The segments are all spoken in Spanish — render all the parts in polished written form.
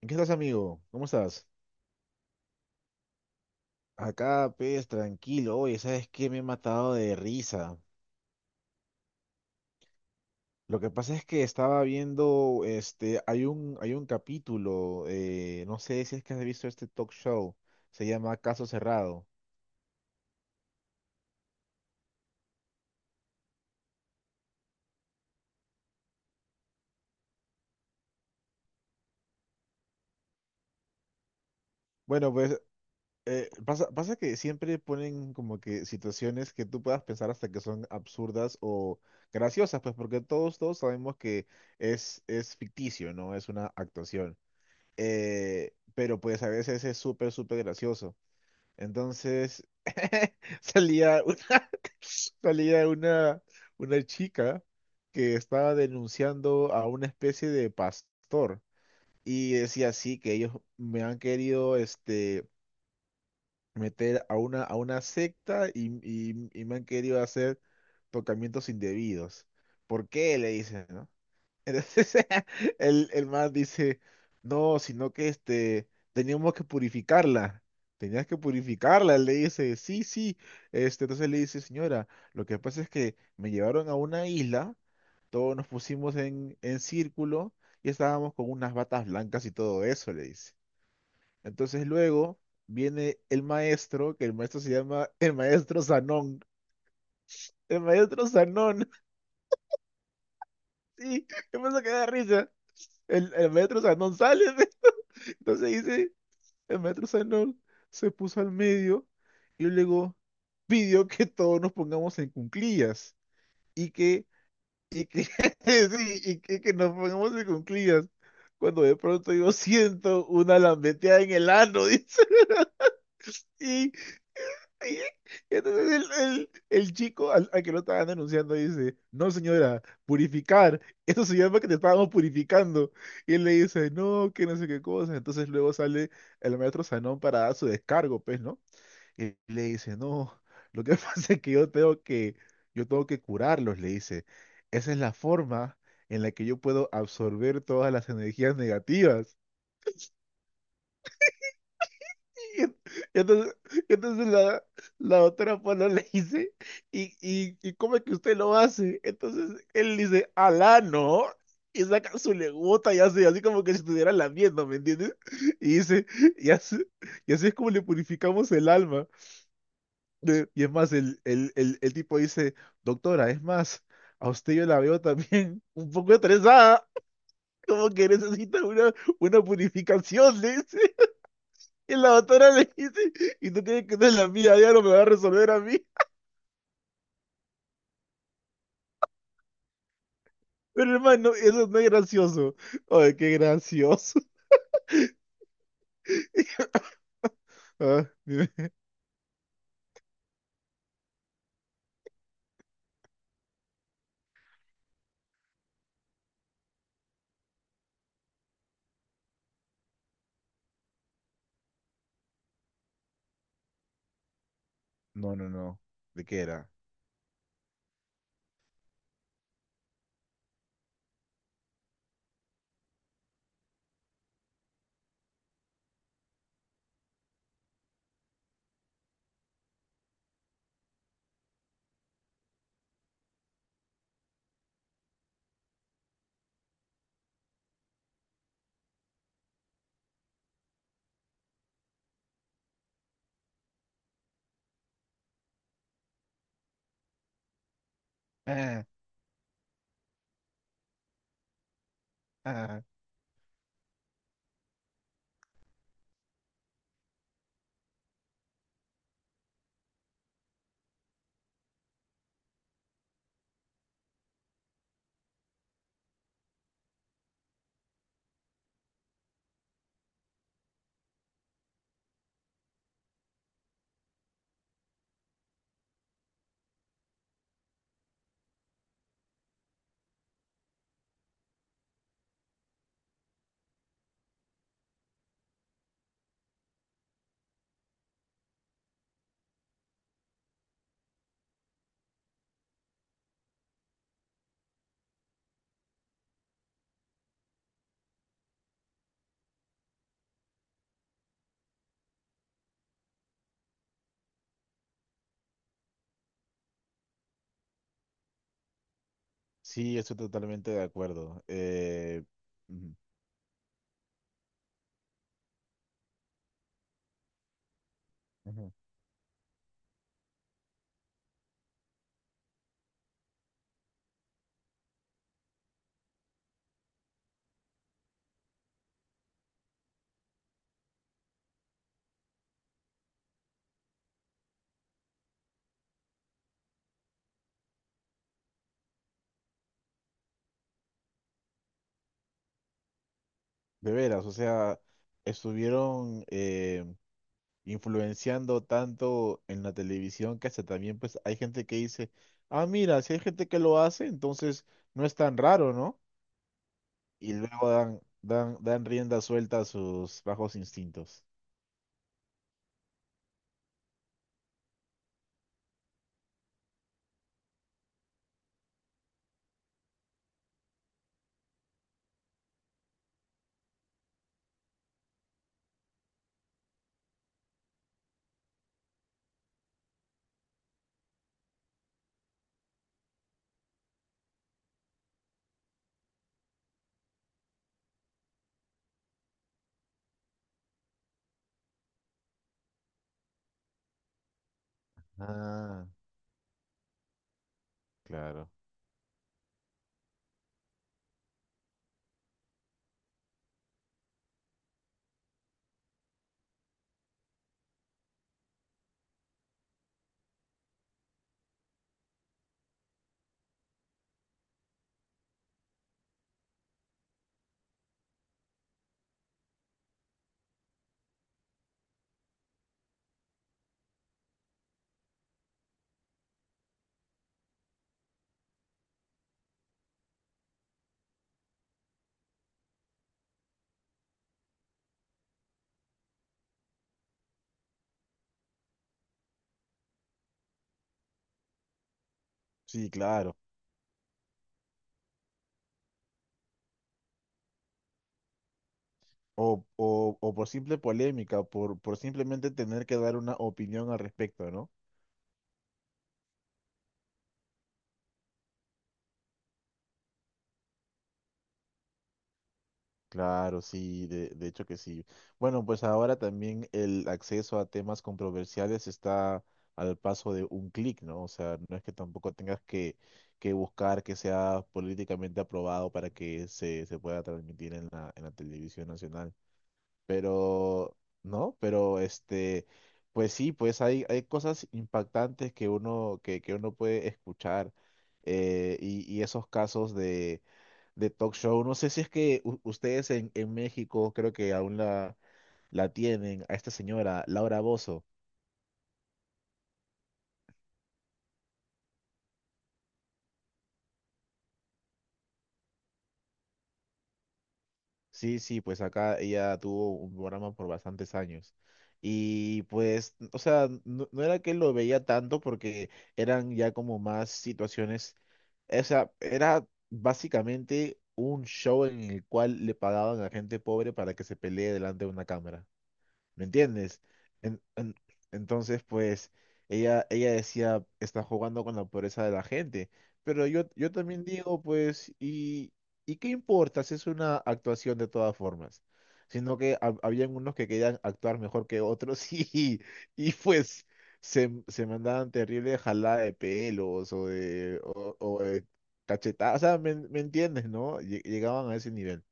¿En qué estás, amigo? ¿Cómo estás? Acá, pues, tranquilo. Oye, ¿sabes qué? Me he matado de risa. Lo que pasa es que estaba viendo, este, hay un capítulo, no sé si es que has visto este talk show, se llama Caso Cerrado. Bueno, pues, pasa, pasa que siempre ponen como que situaciones que tú puedas pensar hasta que son absurdas o graciosas, pues, porque todos, todos sabemos que es ficticio, ¿no? Es una actuación. Pero pues a veces es súper, súper gracioso. Entonces, salía una, salía una chica que estaba denunciando a una especie de pastor y decía así que ellos me han querido este, meter a una secta y me han querido hacer tocamientos indebidos. ¿Por qué? Le dicen, ¿no? Entonces el man dice, no, sino que este, teníamos que purificarla. Tenías que purificarla. Él le dice, sí, sí. Este, entonces le dice, señora, lo que pasa es que me llevaron a una isla, todos nos pusimos en círculo y estábamos con unas batas blancas y todo eso, le dice. Entonces luego viene el maestro, que el maestro se llama el maestro Sanón. El maestro Sanón, sí, me pasa que da risa. El maestro Sanón sale. Entonces dice, el maestro Sanol se puso al medio y luego pidió que todos nos pongamos en cuclillas y que, y que, sí, y que nos pongamos en cuclillas. Cuando de pronto yo siento una lambeteada en el ano, dice, y Y entonces el, el chico al, al que lo estaban denunciando dice, no señora, purificar, eso se llama que te estábamos purificando. Y él le dice, no, que no sé qué cosa. Entonces luego sale el maestro Sanón para dar su descargo, pues, ¿no? Y le dice, no, lo que pasa es que yo tengo que, yo tengo que curarlos, le dice. Esa es la forma en la que yo puedo absorber todas las energías negativas. Y en- y entonces, y entonces la doctora pana le dice, ¿y cómo es que usted lo hace? Entonces él dice, alá, ¿no? Y saca su legota y hace así como que si estuviera lamiendo, ¿me entiendes? Y dice, y así, y así es como le purificamos el alma. Y es más, el tipo dice, doctora, es más, a usted yo la veo también un poco estresada, como que necesita una purificación, ¿eh? Y la doctora le dice, y tú tienes que ser la mía, ya no me va a resolver a mí. Pero hermano, eso no es gracioso. Ay, qué gracioso. Ah, dime. No, no, no. ¿De qué era? Ah, ah. Sí, estoy totalmente de acuerdo. Ujú, ujú. De veras, o sea, estuvieron influenciando tanto en la televisión que hasta también pues hay gente que dice, ah, mira, si hay gente que lo hace, entonces no es tan raro, no y luego dan rienda suelta a sus bajos instintos. Ah, claro. Sí, claro. O por simple polémica, por simplemente tener que dar una opinión al respecto, ¿no? Claro, sí, de hecho que sí. Bueno, pues ahora también el acceso a temas controversiales está al paso de un clic, ¿no? O sea, no es que tampoco tengas que buscar que sea políticamente aprobado para que se pueda transmitir en la televisión nacional. Pero no, pero este, pues sí, pues hay cosas impactantes que uno puede escuchar y esos casos de talk show. No sé si es que ustedes en México creo que aún la, la tienen, a esta señora, Laura Bozo. Sí, sí, pues acá ella tuvo un programa por bastantes años. Y pues, o sea, no, no era que lo veía tanto porque eran ya como más situaciones, o sea, era básicamente un show en el cual le pagaban a gente pobre para que se pelee delante de una cámara. ¿Me entiendes? En- en- entonces, pues, ella decía, está jugando con la pobreza de la gente. Pero yo también digo, pues, y qué importa si es una actuación de todas formas? Sino que habían unos que querían actuar mejor que otros y pues se mandaban terrible jalada de pelos o de cachetadas. O sea, ¿me, me entiendes, no? Llegaban a ese nivel.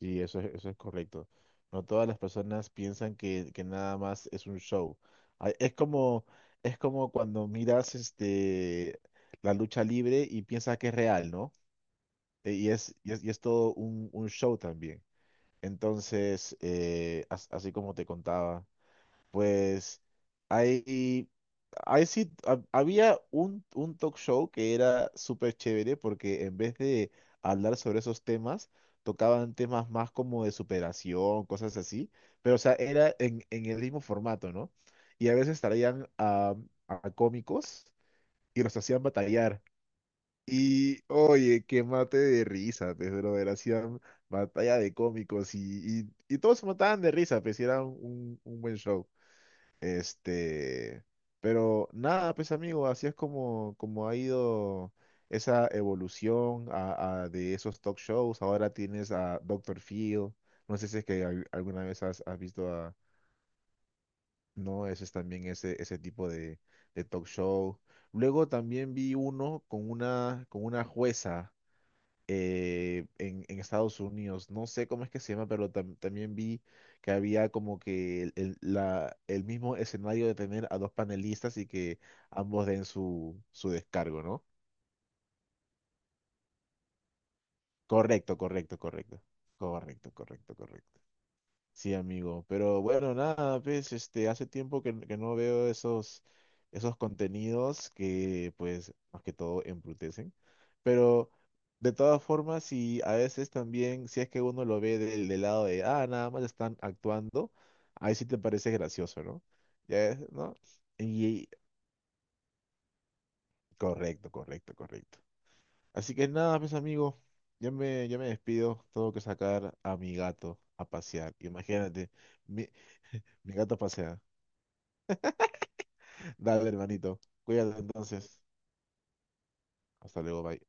Sí, eso es correcto. No todas las personas piensan que nada más es un show. Ah, es como, es como cuando miras este, la lucha libre y piensas que es real, ¿no? Y es, y es, y es todo un show también. Entonces, así como te contaba. Pues hay, hay sí, había un talk show que era súper chévere porque en vez de hablar sobre esos temas, tocaban temas más como de superación, cosas así, pero o sea, era en el mismo formato, ¿no? Y a veces traían a cómicos y los hacían batallar. Y oye, qué mate de risa, pues, brother, hacían batalla de cómicos y todos se mataban de risa, pues y era un buen show. Este, pero nada, pues amigo, así es como, como ha ido esa evolución de esos talk shows. Ahora tienes a Doctor Phil. No sé si es que alguna vez has, has visto a... No, ese es también ese tipo de talk show. Luego también vi uno con una jueza en Estados Unidos. No sé cómo es que se llama, pero también vi que había como que el, la, el mismo escenario de tener a dos panelistas y que ambos den su, su descargo, ¿no? Correcto, correcto, correcto. Correcto, correcto, correcto. Sí, amigo. Pero bueno, nada, pues, este, hace tiempo que no veo esos, esos contenidos que, pues, más que todo embrutecen. Pero de todas formas, y a veces también, si es que uno lo ve del, del lado de, ah, nada más están actuando, ahí sí te parece gracioso, ¿no? Ya es, ¿no? Y correcto, correcto, correcto. Así que nada, pues, amigo, yo me despido. Tengo que sacar a mi gato a pasear. Imagínate, mi, mi gato pasea. Dale, hermanito. Cuídate entonces. Hasta luego, bye.